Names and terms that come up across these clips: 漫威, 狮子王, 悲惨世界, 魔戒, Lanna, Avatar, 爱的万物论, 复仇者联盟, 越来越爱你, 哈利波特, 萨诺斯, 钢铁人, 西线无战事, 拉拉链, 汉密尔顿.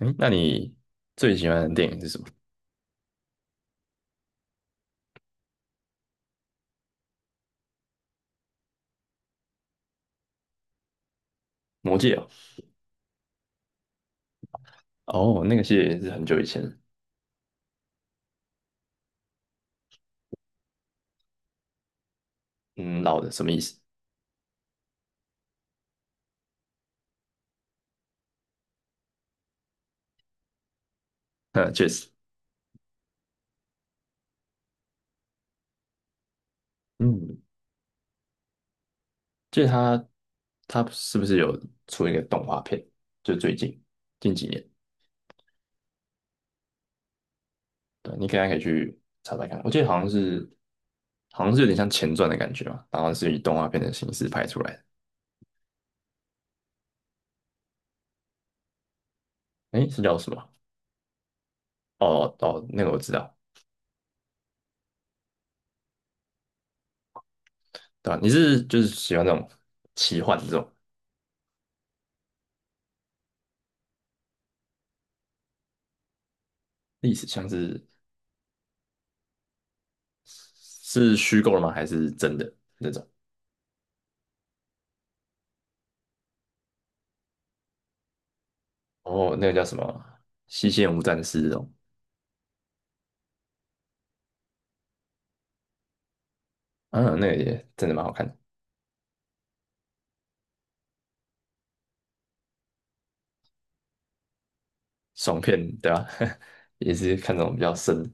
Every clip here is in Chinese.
嗯，那你最喜欢的电影是什么？魔戒哦。哦，那个系列也是很久以前。嗯，老的什么意思？嗯，确实。嗯，就是他是不是有出一个动画片？就最近近几年。对，你可以去查查看。我记得好像是，好像是有点像前传的感觉嘛，然后是以动画片的形式拍出来的。诶，是叫什么？哦哦，那个我知道。对吧？你是就是喜欢那种奇幻这种历史，像是是虚构的吗？还是真的那种？哦，那个叫什么《西线无战事》这种。嗯、啊，那个也真的蛮好看的。爽片对吧？也是看这种比较深的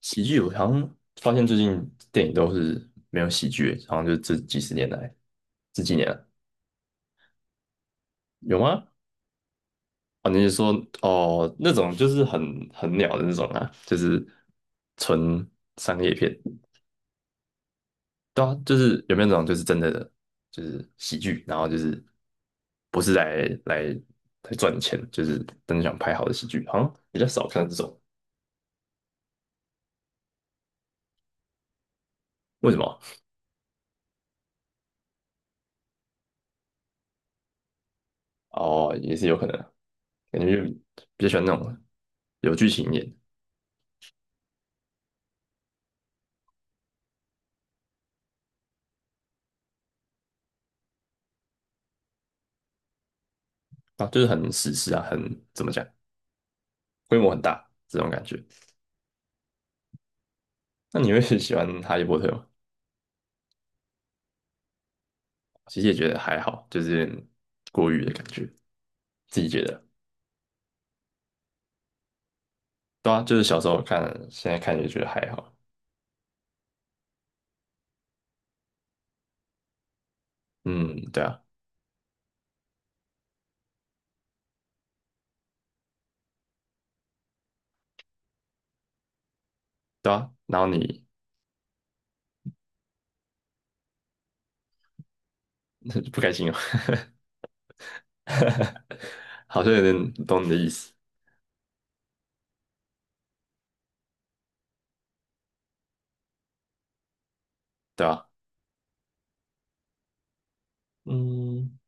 喜剧。我好像发现最近电影都是没有喜剧，好像就这几十年来，这几年了有吗？哦，你是说哦那种就是很很鸟的那种啊，就是纯商业片。对啊，就是有没有那种就是真的就是喜剧，然后就是不是来赚钱，就是真的想拍好的喜剧，好像比较少看到这种。为什么？哦，也是有可能啊。感觉就比较喜欢那种有剧情一点啊，就是很史诗啊，很怎么讲，规模很大这种感觉。那你会 喜欢哈利波特吗？其实也觉得还好，就是有点过誉的感觉，自己觉得。对啊，就是小时候看，现在看也觉得还好。嗯，对啊。对啊。然后你 不开心哦，好像有点懂你的意思。对吧？嗯，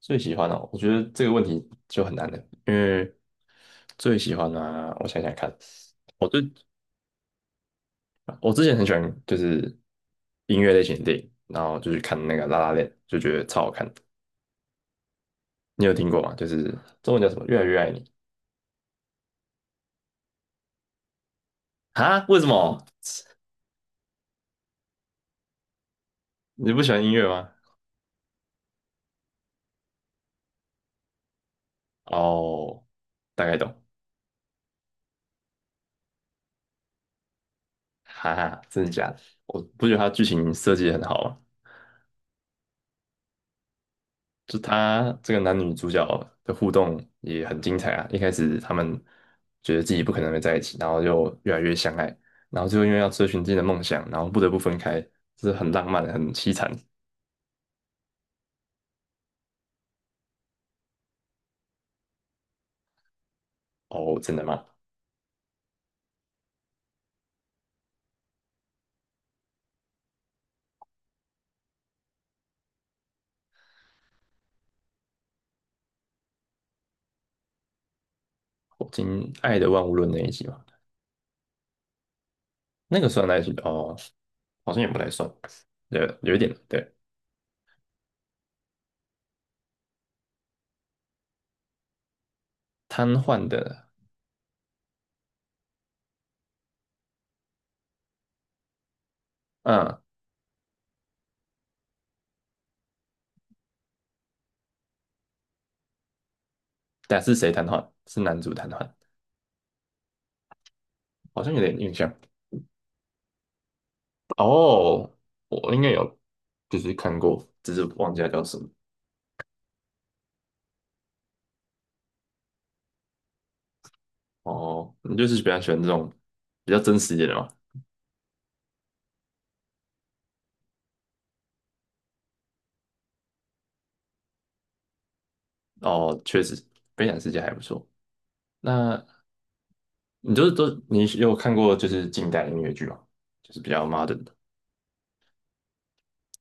最喜欢哦，我觉得这个问题就很难的。因为最喜欢啊，我想想看，我最我之前很喜欢就是音乐类型的电影，然后就去看那个《拉拉链》，就觉得超好看的。你有听过吗？就是中文叫什么？越来越爱你啊？为什么？你不喜欢音乐吗？哦，大概懂。哈哈，真的假的？我不觉得它剧情设计得很好吗？就他这个男女主角的互动也很精彩啊。一开始他们觉得自己不可能会在一起，然后就越来越相爱，然后最后因为要追寻自己的梦想，然后不得不分开，这是很浪漫、很凄惨。哦，真的吗？我听《爱的万物论》那一集嘛。那个算那一集哦，好像也不太算。有一点对瘫痪的。嗯，但是谁瘫痪？是男主瘫痪。好像有点印象。哦，我应该有，就是看过，只是忘记它叫什么。哦，你就是比较喜欢这种比较真实一点的嘛？哦，确实，悲惨世界还不错。那你就是都你有看过就是近代音乐剧吗？就是比较 modern 的，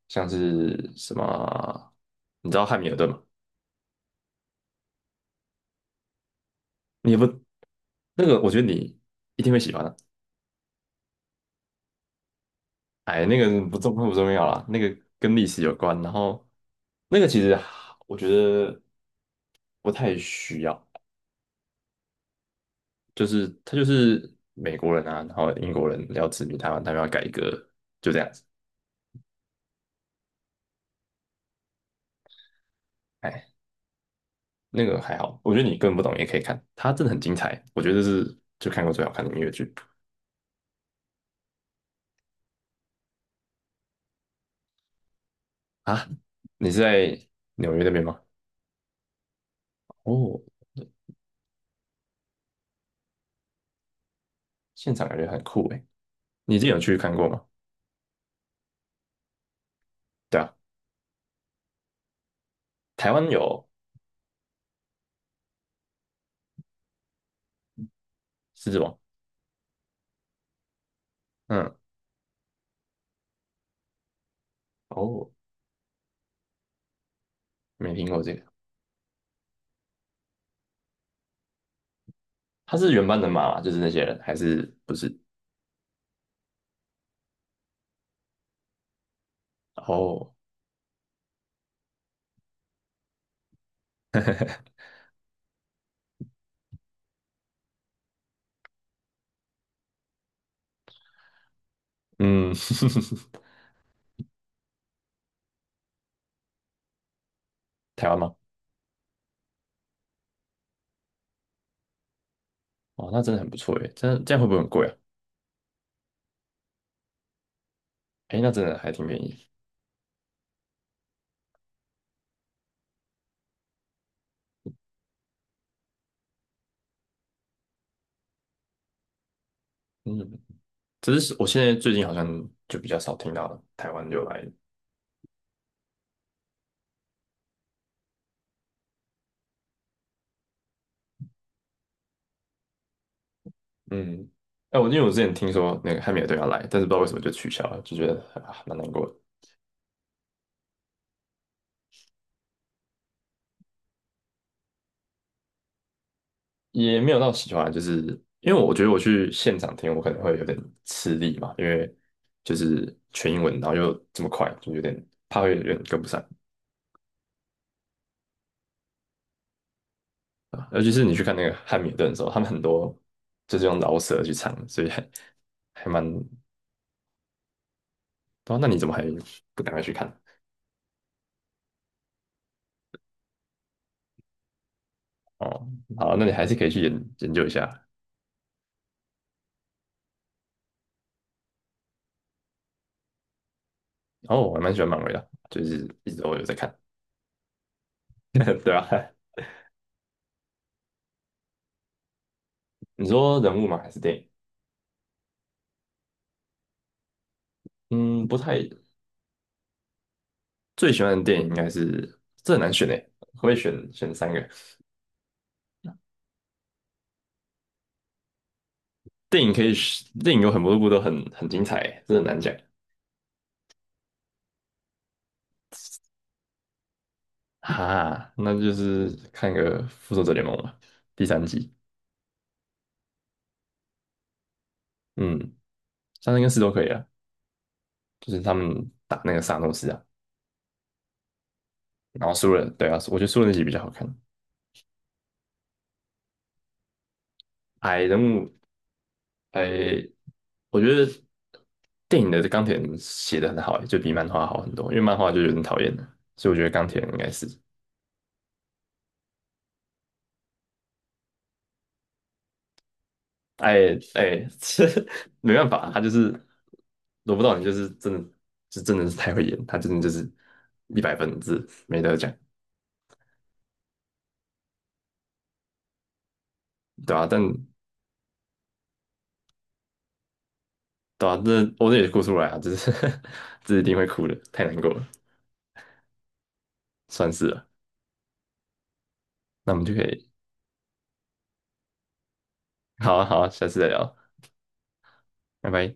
像是什么，你知道汉密尔顿吗？你也不那个，我觉得你一定会喜欢的。哎，那个不重要啦，那个跟历史有关，然后那个其实我觉得不太需要。就是他就是美国人啊，然后英国人要殖民台湾，他们要改革，就这样子。哎，那个还好，我觉得你根本不懂也可以看，它真的很精彩，我觉得这是就看过最好看的音乐剧啊。你是在纽约那边吗？哦，现场感觉很酷诶。你之前有去看过吗？对啊，台湾有《狮子王》。嗯。哦，没听过这个。他是原班人马吗？就是那些人，还是不是？哦。嗯，台湾吗？哦，那真的很不错诶，真的这样会不会很贵啊？哎，那真的还挺便宜。嗯，只是我现在最近好像就比较少听到台湾就来。嗯。哎，我因为我之前听说那个汉密尔顿要来，但是不知道为什么就取消了，就觉得啊蛮难过的。也没有到喜欢，就是因为我觉得我去现场听，我可能会有点吃力嘛，因为就是全英文，然后又这么快，就有点怕会有点跟不上啊。尤其是你去看那个汉密尔顿的时候，他们很多就是用饶舌去唱，所以还蛮……哦，那你怎么还不赶快去看？哦，好，那你还是可以去研究一下。哦，我还蛮喜欢漫威的，就是一直都有在看。对吧、啊你说人物吗？还是电影？嗯，不太最喜欢的电影应该是这很难选诶，可不可以选选三个？电影可以选，电影有很多部都很很精彩欸，这很难讲哈。那就是看个《复仇者联盟》吧，第三季。嗯，三跟四都可以啊，就是他们打那个萨诺斯啊。然后输了，对啊，我觉得输了那集比较好看。哎，人物哎，我觉得电影的钢铁人写的很好欸，就比漫画好很多。因为漫画就有点讨厌了，所以我觉得钢铁人应该是，哎哎，这没办法，他就是罗不到你，就是真的。是真的是太会演，他真的就是100分制，这没得讲。对啊？但对啊，这我这也哭出来啊，就是 这一定会哭的，太难过了。算是了。那我们就可以，好啊好啊，下次再聊，拜拜。